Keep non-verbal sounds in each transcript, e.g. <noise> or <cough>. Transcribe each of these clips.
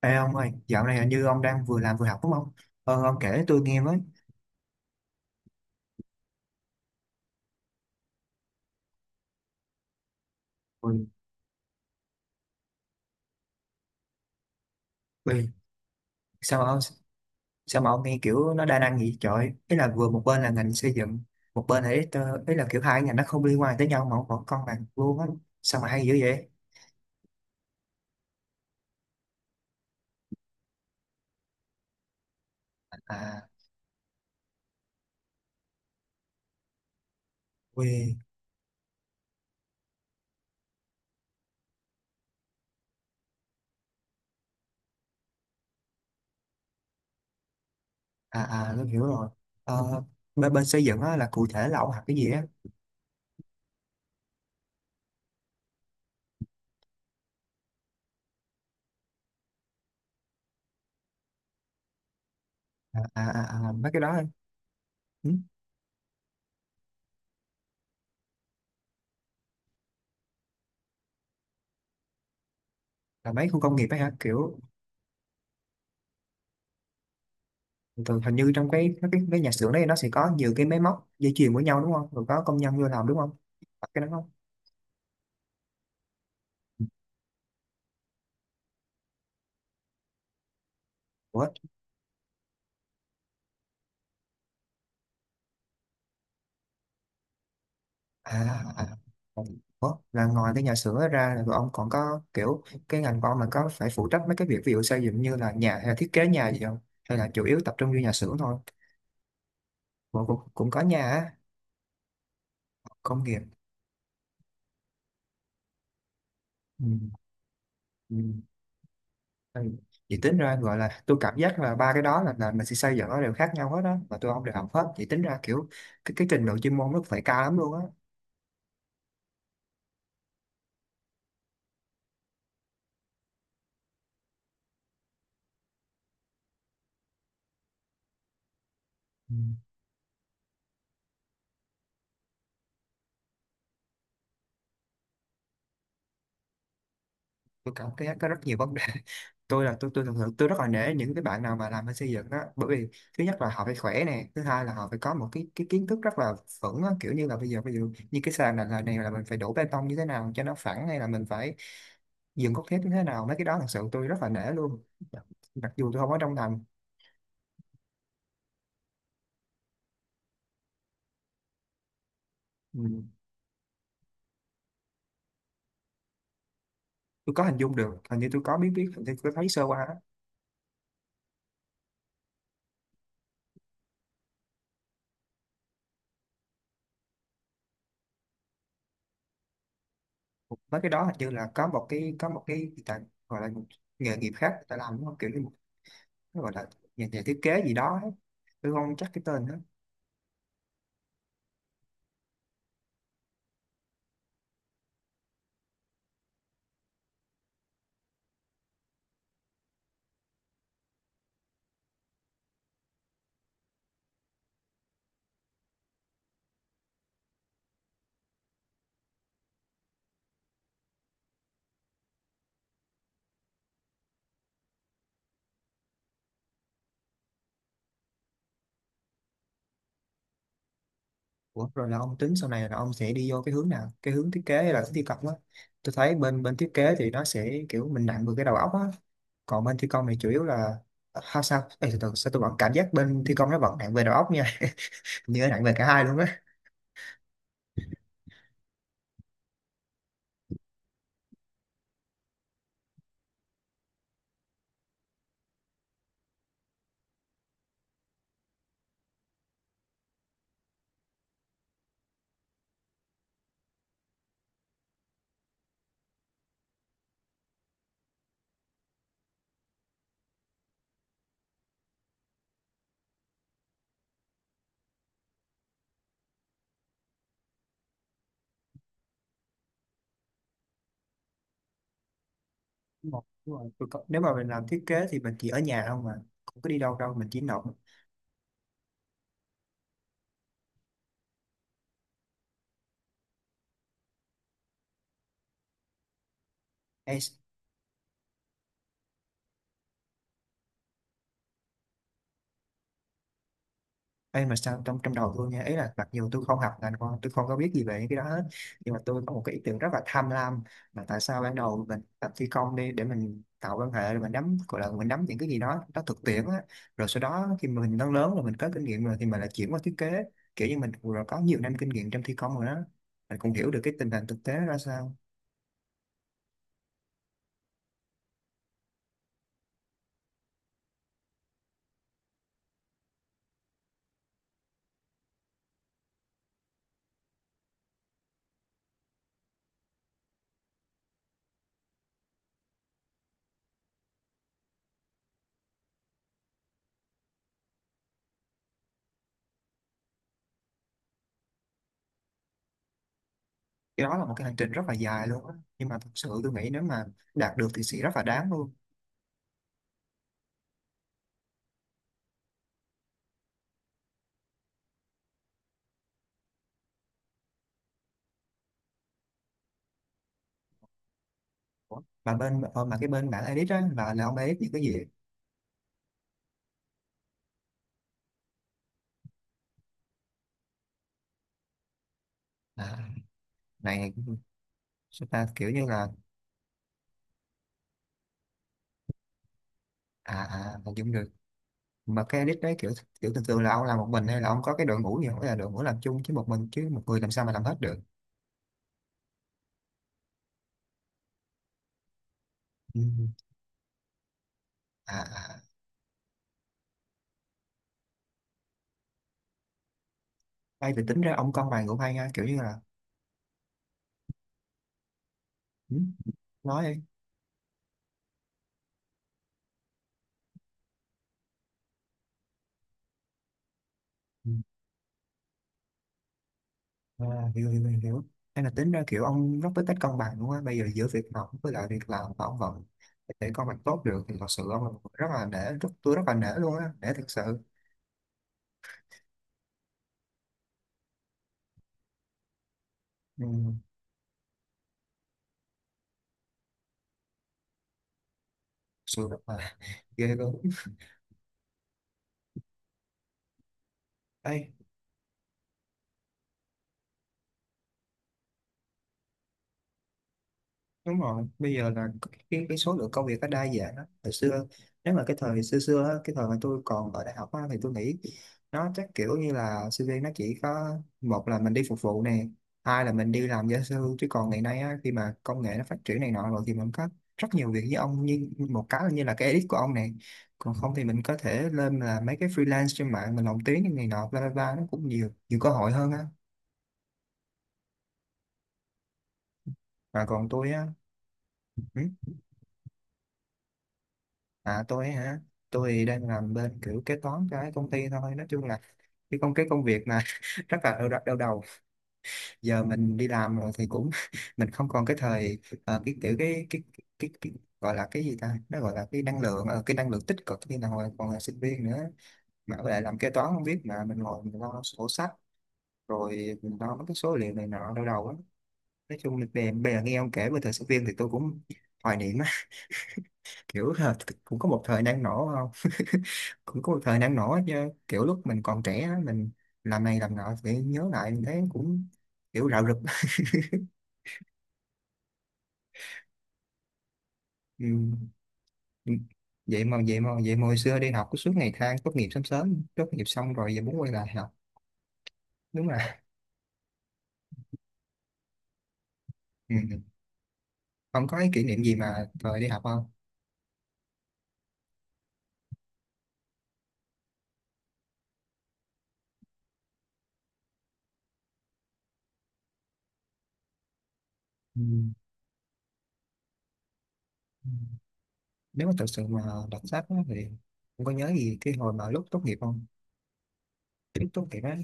Ê ông ơi, dạo này hình như ông đang vừa làm vừa học đúng không? Ông kể tôi nghe với. Ui, ui, sao mà, sao mà ông nghe kiểu nó đa năng vậy trời? Ý là vừa một bên là ngành xây dựng, một bên là ít, ý là kiểu hai ngành nó không liên quan tới nhau mà ông vẫn con bằng luôn á. Sao mà hay dữ vậy? À, ui, à, à, tôi hiểu rồi. Ờ, bên xây dựng á là cụ thể là ông học cái gì á? À, à, à, à, mấy cái đó. Ừ? Là mấy khu công nghiệp ấy hả? Kiểu thường hình như trong cái nhà xưởng đấy nó sẽ có nhiều cái máy móc dây chuyền với nhau đúng không? Rồi có công nhân vô làm đúng không? Phải cái đó không? Ủa? À, à. À. Ủa? Là ngoài cái nhà xưởng đó ra là ông còn có kiểu cái ngành của ông là có phải phụ trách mấy cái việc ví dụ xây dựng như là nhà hay là thiết kế nhà gì không? Hay là chủ yếu tập trung vô nhà xưởng thôi? Ủa, cũng có nhà á, công nghiệp. Ừ. Ừ. Ừ. Vậy tính ra gọi là tôi cảm giác là ba cái đó là mình sẽ xây dựng nó đều khác nhau hết đó và tôi không đều học hết, vậy tính ra kiểu cái trình độ chuyên môn nó phải cao lắm luôn á. Ừ, tôi cảm thấy có rất nhiều vấn đề. <laughs> Tôi là tôi thường thường tôi rất là nể những cái bạn nào mà làm bên xây dựng đó, bởi vì thứ nhất là họ phải khỏe nè, thứ hai là họ phải có một cái kiến thức rất là vững á, kiểu như là bây giờ ví dụ như cái sàn này là mình phải đổ bê tông như thế nào cho nó phẳng, hay là mình phải dựng cốt thép như thế nào, mấy cái đó thật sự tôi rất là nể luôn. Dạ, mặc dù tôi không ở trong ngành. Ừ, tôi có hình dung được, hình như tôi có biết biết hình như tôi thấy sơ qua á. Mấy cái đó hình như là có một cái, người ta gọi là một nghề nghiệp khác người ta làm, đúng không, kiểu như nó gọi là nhà thiết kế gì đó ấy. Tôi không chắc cái tên đó. Ủa, rồi là ông tính sau này là ông sẽ đi vô cái hướng nào, cái hướng thiết kế hay là hướng thi công á? Tôi thấy bên bên thiết kế thì nó sẽ kiểu mình nặng về cái đầu óc á, còn bên thi công thì chủ yếu là how sao. Ê, từ từ, sao tôi vẫn cảm giác bên thi công nó vẫn nặng về đầu óc nha, <laughs> như nó nặng về cả hai luôn á. Đúng rồi, đúng rồi. Tôi có- nếu mà mình làm thiết kế thì mình chỉ ở nhà không mà không có đi đâu đâu, mình chỉ nộp. Ê, mà sao trong trong đầu tôi nha, ý là mặc dù tôi không học ngành con, tôi không có biết gì về cái đó hết, nhưng mà tôi có một cái ý tưởng rất là tham lam, là tại sao ban đầu mình tập phi công đi để mình tạo quan hệ, rồi mình nắm, gọi là mình nắm những cái gì đó nó thực tiễn á, rồi sau đó khi mà mình lớn lớn rồi, mình có kinh nghiệm rồi thì mình lại chuyển qua thiết kế, kiểu như mình rồi có nhiều năm kinh nghiệm trong thi công rồi đó, mình cũng hiểu được cái tình hình thực tế ra sao. Cái đó là một cái hành trình rất là dài luôn á, nhưng mà thật sự tôi nghĩ nếu mà đạt được thì sẽ rất là đáng luôn. Mà bên mà cái bên bạn edit á là ông edit những cái gì? À, này chúng ta kiểu như là. À à, hình dung được. Mà cái edit đấy kiểu, kiểu thường thường là ông làm một mình hay là ông có cái đội ngũ gì không, hay là đội ngũ làm chung chứ một mình chứ một người làm sao mà làm hết được. Ừ. À à, hay thì tính ra ông con bài ngủ hay ha, kiểu như là. Ừ, nói đi. Ừ. À, hiểu hiểu hiểu hiểu. Hay là tính ra kiểu ông rất biết cách cân bằng đúng không á? Bây giờ giữa việc học với lại việc làm mà ông vẫn để con bằng tốt được thì thật sự ông là một người rất là nể, tôi rất là nể luôn á, nể thật sự. Ừ, thật sự rất là <laughs> ghê luôn. Ê, đúng rồi, bây giờ là cái số lượng công việc nó đa dạng đó. Hồi xưa, nếu mà cái thời xưa xưa á, cái thời mà tôi còn ở đại học á, thì tôi nghĩ nó chắc kiểu như là sinh viên nó chỉ có, một là mình đi phục vụ nè, hai là mình đi làm gia sư, chứ còn ngày nay á, khi mà công nghệ nó phát triển này nọ rồi thì mình có rất nhiều việc, như ông, như một cái là như là cái edit của ông này, còn không thì mình có thể lên là mấy cái freelance trên mạng, mình lồng tiếng như này nọ bla bla bla, nó cũng nhiều nhiều cơ hội hơn á. Và còn tôi á. Ừ, à tôi hả? Tôi đang làm bên kiểu kế toán cho cái công ty thôi. Nói chung là cái công việc mà <laughs> rất là đau đầu. Giờ mình đi làm rồi thì cũng <laughs> mình không còn cái thời cái kiểu cái gọi là cái gì ta? Nó gọi là cái năng lượng, cái năng lượng tích cực như là hồi còn là sinh viên nữa. Mà với lại làm kế toán không biết, mà mình ngồi mình lo sổ sách rồi mình lo mấy cái số liệu này nọ đau đầu á. Nói chung là bè bè nghe ông kể về thời sinh viên thì tôi cũng hoài niệm, kiểu ha, cũng có một thời năng nổ không? <laughs> Cũng có một thời năng nổ chứ, kiểu lúc mình còn trẻ á, mình làm này làm nọ thì nhớ lại mình thấy cũng kiểu rạo rực. <laughs> Ừ. Ừ. Vậy mà vậy mà hồi xưa đi học cứ suốt ngày than tốt nghiệp sớm sớm, tốt nghiệp xong rồi giờ muốn quay lại học. Đúng là. Ừ. <laughs> Không có cái kỷ niệm gì mà thời đi học không? Ừ, nếu mà thật sự mà đọc sách á, thì không có nhớ gì cái hồi mà lúc tốt nghiệp không? Cái lúc tốt nghiệp á.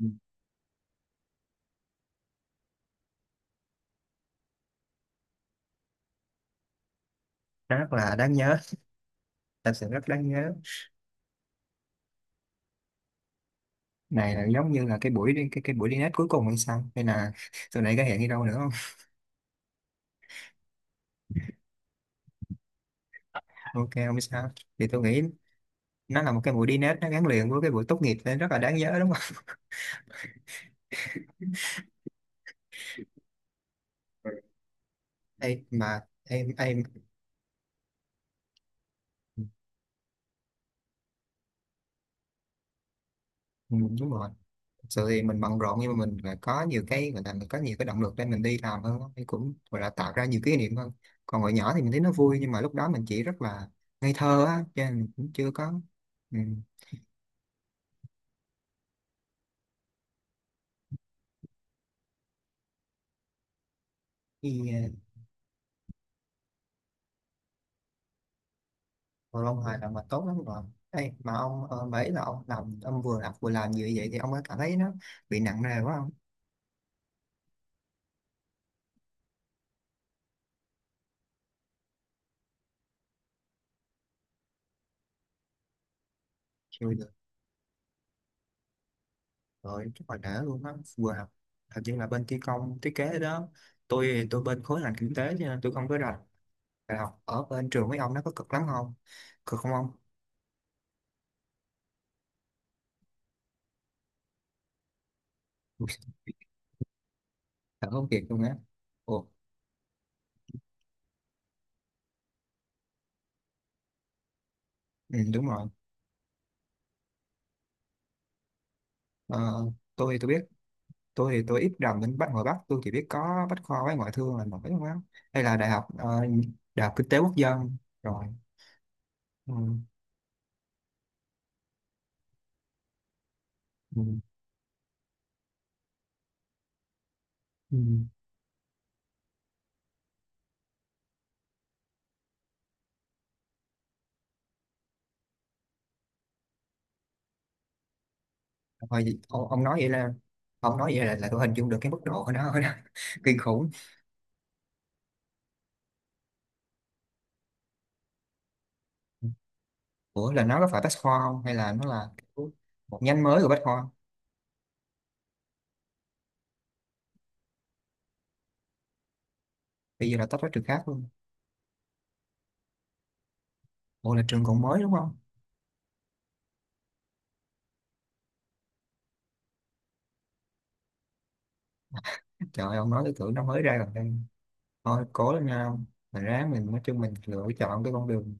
Ừ, rất là đáng nhớ, thật sự rất đáng nhớ. Này là giống như là cái buổi đi cái buổi đi nét cuối cùng hay sao, hay là tụi này có hẹn đi đâu nữa không? <laughs> Ok không sao, thì tôi nghĩ nó là một cái buổi đi nét, nó gắn liền với cái buổi tốt nghiệp nên rất là đáng nhớ đúng không? Ừ. Ê, mà em đúng rồi. Thực sự thì mình bận rộn nhưng mà mình lại có nhiều cái, gọi là mình có nhiều cái động lực để mình đi làm hơn á, thì cũng gọi là tạo ra nhiều kỷ niệm hơn. Còn hồi nhỏ thì mình thấy nó vui nhưng mà lúc đó mình chỉ rất là ngây thơ á cho nên mình cũng chưa có. Ừ, còn Long Hoài là mà tốt lắm rồi. Ê, mà ông mấy là ông làm ông vừa làm như vậy thì ông có cảm thấy nó bị nặng nề quá không? Chịu được. Rồi chắc là để luôn á vừa học. Hình như là bên thi công thiết kế đó, tôi bên khối ngành kinh tế cho nên tôi không có rành. Đại học ở bên trường mấy ông nó có cực lắm không? Cực không ông? Ui, thật không, kiệt luôn á. Ồ, ừ, đúng rồi. Ờ, tôi biết, tôi thì tôi ít rành bên Bắc, ngoài Bắc tôi chỉ biết có Bách Khoa với Ngoại Thương là nổi, không á hay là đại học đại học Kinh Tế Quốc Dân. Rồi. Ừ, ừ, ừ. Thôi, vậy- ông nói vậy là là tôi hình dung được cái mức độ của nó rồi đó. <laughs> Kinh khủng. Ủa là nó có phải Bách Khoa không hay là nó là kiểu một nhánh mới của Bách Khoa? Bây giờ là tách ra trường khác luôn. Ủa là trường còn mới đúng không? Trời ơi, ông nói cái tưởng nó mới ra gần đây. Thôi cố lên nha ông, mình ráng, mình nói chung mình lựa chọn cái con đường.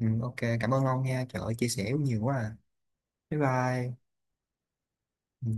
Ừ, ok cảm ơn ông nha, trời ơi chia sẻ nhiều quá à. Bye bye. Ừ.